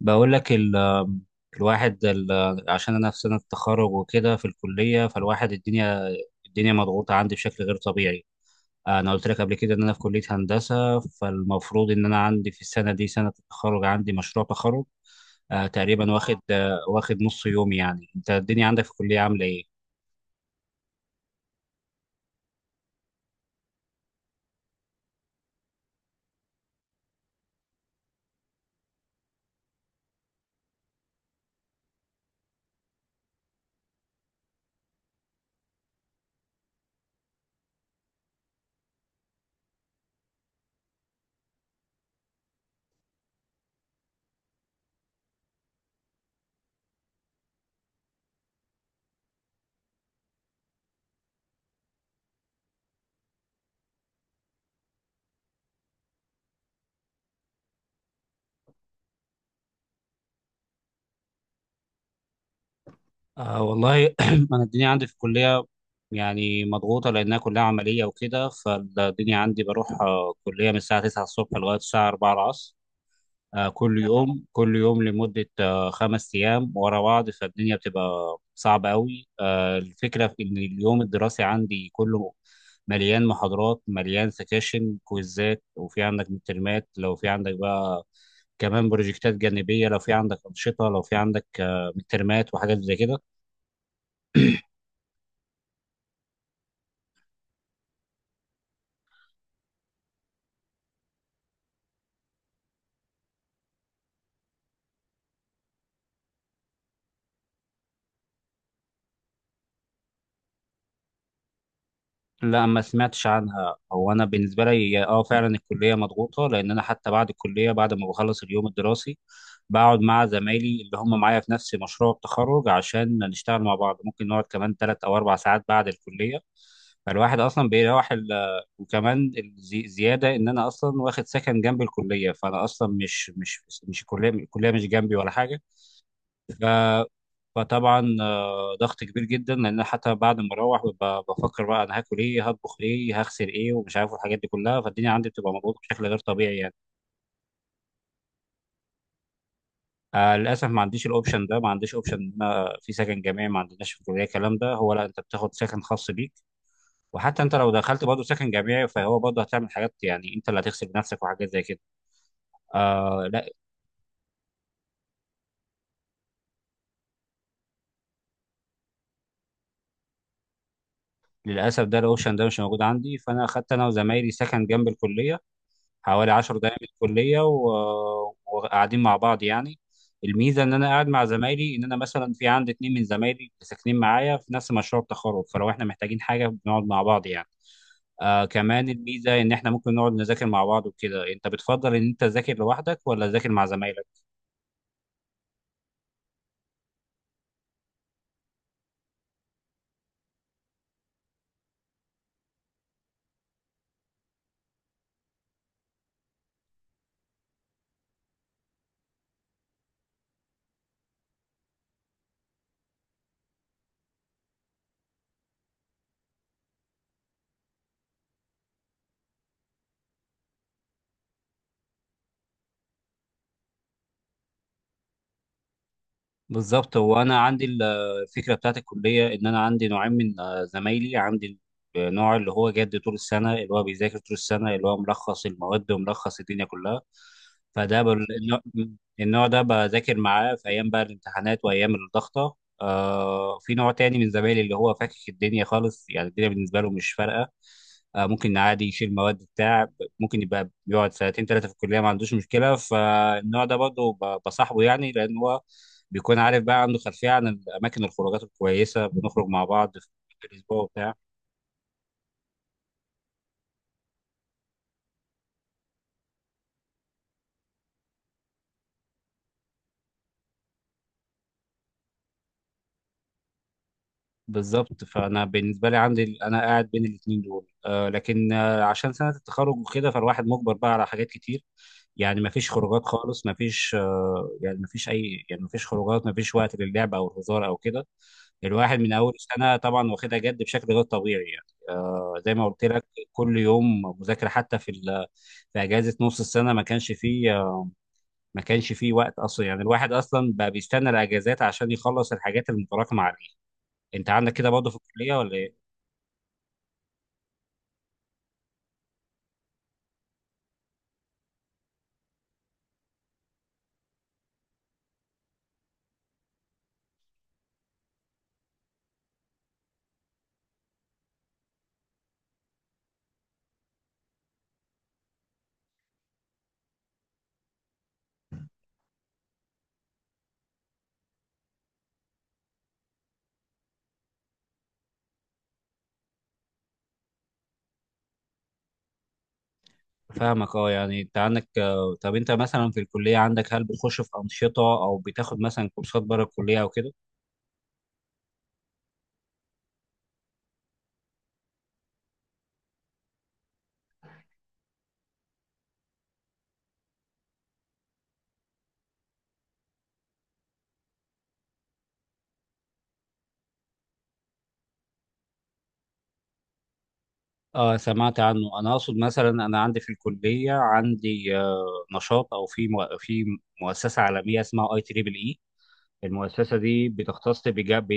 بقول لك ال الواحد ال عشان انا في سنه التخرج وكده في الكليه، فالواحد الدنيا مضغوطه عندي بشكل غير طبيعي. انا قلت لك قبل كده ان انا في كليه هندسه، فالمفروض ان انا عندي في السنه دي سنه التخرج، عندي مشروع تخرج. تقريبا واخد نص يوم. يعني انت الدنيا عندك في الكليه عامله ايه؟ آه والله. انا الدنيا عندي في الكليه يعني مضغوطه لانها كلها عمليه وكده، فالدنيا عندي بروح كليه من الساعه 9 الصبح لغايه الساعه 4 العصر. كل يوم كل يوم لمدة 5 أيام ورا بعض. فالدنيا بتبقى صعبة أوي. الفكرة في إن اليوم الدراسي عندي كله مليان محاضرات، مليان سكاشن، كويزات، وفي عندك مترمات، لو في عندك بقى كمان بروجكتات جانبية، لو في عندك أنشطة، لو في عندك مترمات وحاجات زي كده. لا ما سمعتش عنها. هو انا بالنسبه لي اه فعلا الكليه مضغوطه، لان انا حتى بعد الكليه بعد ما بخلص اليوم الدراسي بقعد مع زمايلي اللي هم معايا في نفس مشروع التخرج عشان نشتغل مع بعض. ممكن نقعد كمان 3 او 4 ساعات بعد الكليه. فالواحد اصلا بيروح وكمان زياده ان انا اصلا واخد سكن جنب الكليه. فانا اصلا مش، الكليه مش جنبي ولا حاجه. فطبعا ضغط كبير جدا، لان أنا حتى بعد ما اروح ببقى بفكر بقى انا هاكل ايه، هطبخ ايه، هغسل ايه، ومش عارف الحاجات دي كلها. فالدنيا عندي بتبقى مضغوطه بشكل غير طبيعي يعني. للاسف ما عنديش الاوبشن ده، ما عنديش اوبشن ان أنا في سكن جامعي. ما عندناش في الكليه الكلام ده. هو لا، انت بتاخد سكن خاص بيك، وحتى انت لو دخلت برضه سكن جامعي فهو برضه هتعمل حاجات يعني انت اللي هتغسل بنفسك وحاجات زي كده. لا، للاسف ده الاوبشن ده مش موجود عندي. فانا اخدت انا وزمايلي سكن جنب الكليه حوالي 10 دقايق من الكلية، وقاعدين مع بعض يعني. الميزة إن أنا قاعد مع زمايلي إن أنا مثلا في عندي اتنين من زمايلي ساكنين معايا في نفس مشروع التخرج، فلو إحنا محتاجين حاجة بنقعد مع بعض يعني. كمان الميزة إن إحنا ممكن نقعد نذاكر مع بعض وكده. أنت بتفضل إن أنت تذاكر لوحدك ولا تذاكر مع زمايلك؟ بالظبط. هو انا عندي الفكره بتاعت الكليه ان انا عندي نوعين من زمايلي. عندي النوع اللي هو جاد طول السنه، اللي هو بيذاكر طول السنه، اللي هو ملخص المواد وملخص الدنيا كلها. فده النوع. النوع ده بذاكر معاه في ايام بقى الامتحانات وايام الضغطه. في نوع تاني من زمايلي اللي هو فاكك الدنيا خالص، يعني الدنيا بالنسبه له مش فارقه. ممكن عادي يشيل مواد بتاع، ممكن يبقى بيقعد سنتين ثلاثه في الكليه ما عندوش مشكله. فالنوع ده برضه بصاحبه يعني، لان هو بيكون عارف بقى، عنده خلفية عن الأماكن، الخروجات الكويسة، بنخرج مع بعض في الأسبوع وبتاع. بالظبط. فأنا بالنسبة لي عندي أنا قاعد بين الاتنين دول لكن عشان سنة التخرج وكده فالواحد مجبر بقى على حاجات كتير. يعني مفيش خروجات خالص، مفيش يعني مفيش أي، يعني مفيش خروجات، مفيش وقت للعب أو الهزار أو كده. الواحد من أول سنة طبعا واخدها جد بشكل غير طبيعي يعني. زي ما قلت لك، كل يوم مذاكرة. حتى في أجازة نص السنة ما كانش فيه وقت اصلا يعني. الواحد اصلا بقى بيستنى الاجازات عشان يخلص الحاجات المتراكمه عليه. انت عندك كده برضه في الكليه ولا ايه؟ فاهمك. اه يعني انت عندك طب انت مثلا في الكليه عندك هل بتخش في انشطه او بتاخد مثلا كورسات بره الكليه او كده؟ اه سمعت عنه. انا اقصد مثلا انا عندي في الكليه عندي نشاط، او في في مؤسسه عالميه اسمها اي تريبل اي. المؤسسه دي بتختص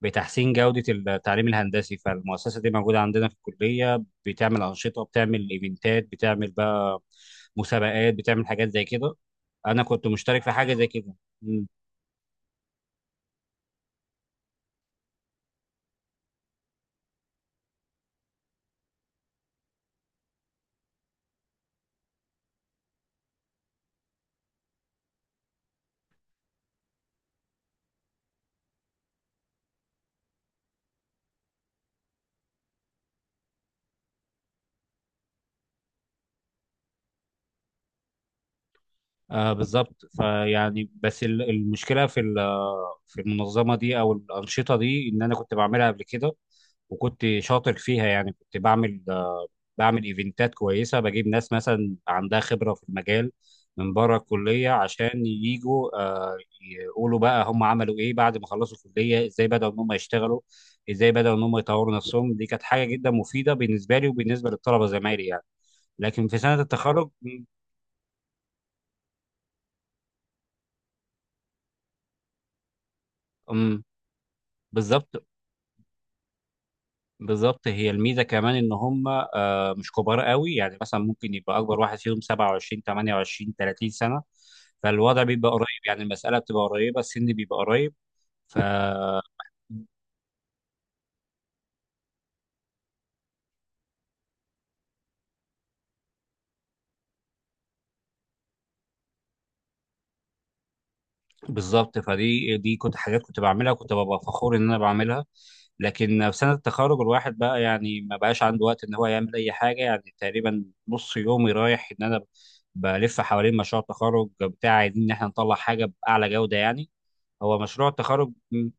بتحسين جودة التعليم الهندسي. فالمؤسسة دي موجودة عندنا في الكلية، بتعمل أنشطة، بتعمل إيفنتات، بتعمل بقى مسابقات، بتعمل حاجات زي كده. أنا كنت مشترك في حاجة زي كده. بالظبط. فيعني بس المشكله في المنظمه دي او الانشطه دي، ان انا كنت بعملها قبل كده وكنت شاطر فيها. يعني كنت بعمل ايفنتات كويسه، بجيب ناس مثلا عندها خبره في المجال من بره الكليه عشان يجوا يقولوا بقى هم عملوا ايه بعد ما خلصوا الكليه، ازاي بداوا ان هم يشتغلوا، ازاي بداوا ان هم يطوروا نفسهم. دي كانت حاجه جدا مفيده بالنسبه لي وبالنسبه للطلبه زمايلي يعني. لكن في سنه التخرج م- بالظبط. بالظبط هي الميزه كمان ان هم مش كبار قوي. يعني مثلا ممكن يبقى اكبر واحد فيهم 27 28 30 سنه. فالوضع بيبقى قريب يعني، المساله بتبقى قريبه، السن بيبقى قريب. فبيبقى بالظبط. فدي كنت حاجات كنت بعملها، كنت ببقى فخور ان انا بعملها. لكن في سنه التخرج الواحد بقى يعني ما بقاش عنده وقت ان هو يعمل اي حاجه. يعني تقريبا نص يومي رايح ان انا بلف حوالين مشروع التخرج بتاعي، عايزين ان احنا نطلع حاجه باعلى جوده يعني. هو مشروع التخرج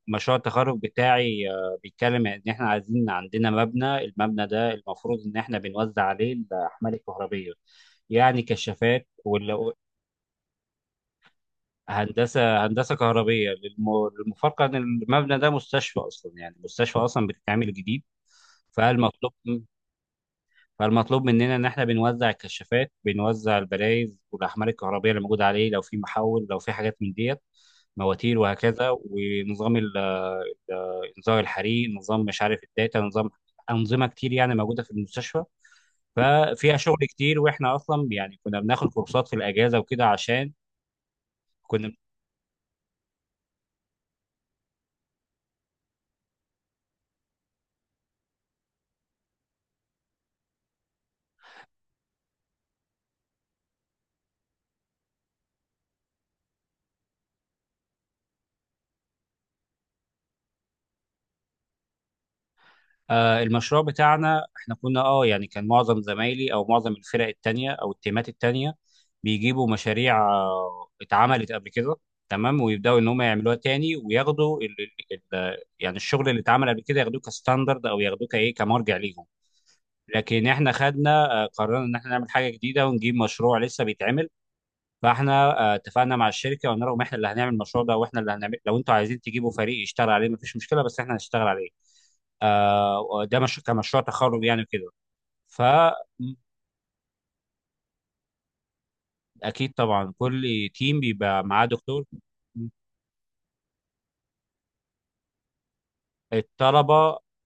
مشروع التخرج بتاعي بيتكلم ان احنا عايزين عندنا مبنى. المبنى ده المفروض ان احنا بنوزع عليه الاحمال الكهربيه، يعني كشافات. هندسه كهربيه. للمفارقه ان المبنى ده مستشفى اصلا، يعني مستشفى اصلا بتتعمل جديد. فالمطلوب فالمطلوب مننا ان احنا بنوزع الكشافات، بنوزع البلايز والاحمال الكهربائيه اللي موجوده عليه، لو في محول، لو في حاجات من ديت، مواتير وهكذا. ونظام انذار الحريق، نظام مش عارف الداتا، نظام، انظمه كتير يعني موجوده في المستشفى. ففيها شغل كتير، واحنا اصلا يعني كنا بناخد كورسات في الاجازه وكده عشان كنا. المشروع بتاعنا احنا كنا، اه يعني كان معظم زمايلي او معظم الفرق التانية او التيمات التانية بيجيبوا مشاريع اتعملت قبل كده تمام، ويبداوا ان هم يعملوها تاني وياخدوا ال ال ال يعني الشغل اللي اتعمل قبل كده ياخدوه كستاندرد او ياخدوه كايه، كمرجع ليهم. لكن احنا خدنا قررنا ان احنا نعمل حاجة جديدة ونجيب مشروع لسه بيتعمل. فاحنا اتفقنا مع الشركه وقلنا لهم احنا اللي هنعمل المشروع ده، واحنا اللي هنعمل. لو انتوا عايزين تجيبوا فريق يشتغل عليه مفيش مشكله، بس احنا هنشتغل عليه ده مش كمشروع تخرج يعني كده. فأكيد. طبعا كل تيم بيبقى معاه دكتور. الطلبة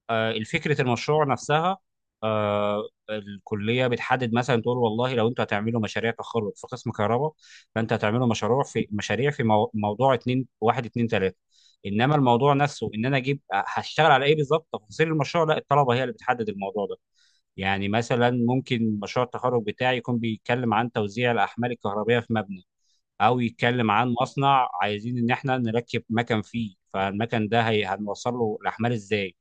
الفكرة، المشروع نفسها الكلية بتحدد، مثلا تقول والله لو انتوا هتعملوا مشاريع تخرج في قسم كهرباء، فانت هتعملوا مشروع في مشاريع في موضوع اتنين واحد اتنين تلاتة. انما الموضوع نفسه ان انا اجيب هشتغل على ايه بالظبط، تفاصيل المشروع، لا الطلبة هي اللي بتحدد الموضوع ده. يعني مثلا ممكن مشروع التخرج بتاعي يكون بيتكلم عن توزيع الأحمال الكهربية في مبنى، أو يتكلم عن مصنع عايزين إن إحنا نركب مكن فيه، فالمكن ده هنوصل له الأحمال إزاي،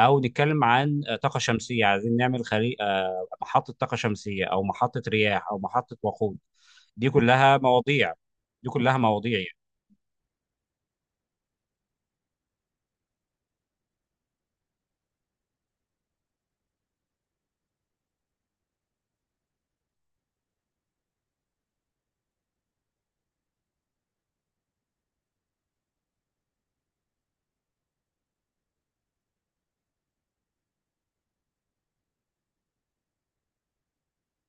أو نتكلم عن طاقة شمسية، عايزين نعمل خلي... آه، محطة طاقة شمسية أو محطة رياح أو محطة وقود. دي كلها مواضيع. دي كلها مواضيع يعني.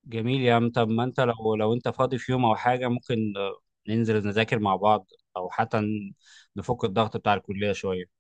جميل يا عم. طب ما انت لو انت فاضي في يوم او حاجة ممكن ننزل نذاكر مع بعض، او حتى نفك الضغط بتاع الكلية شوية.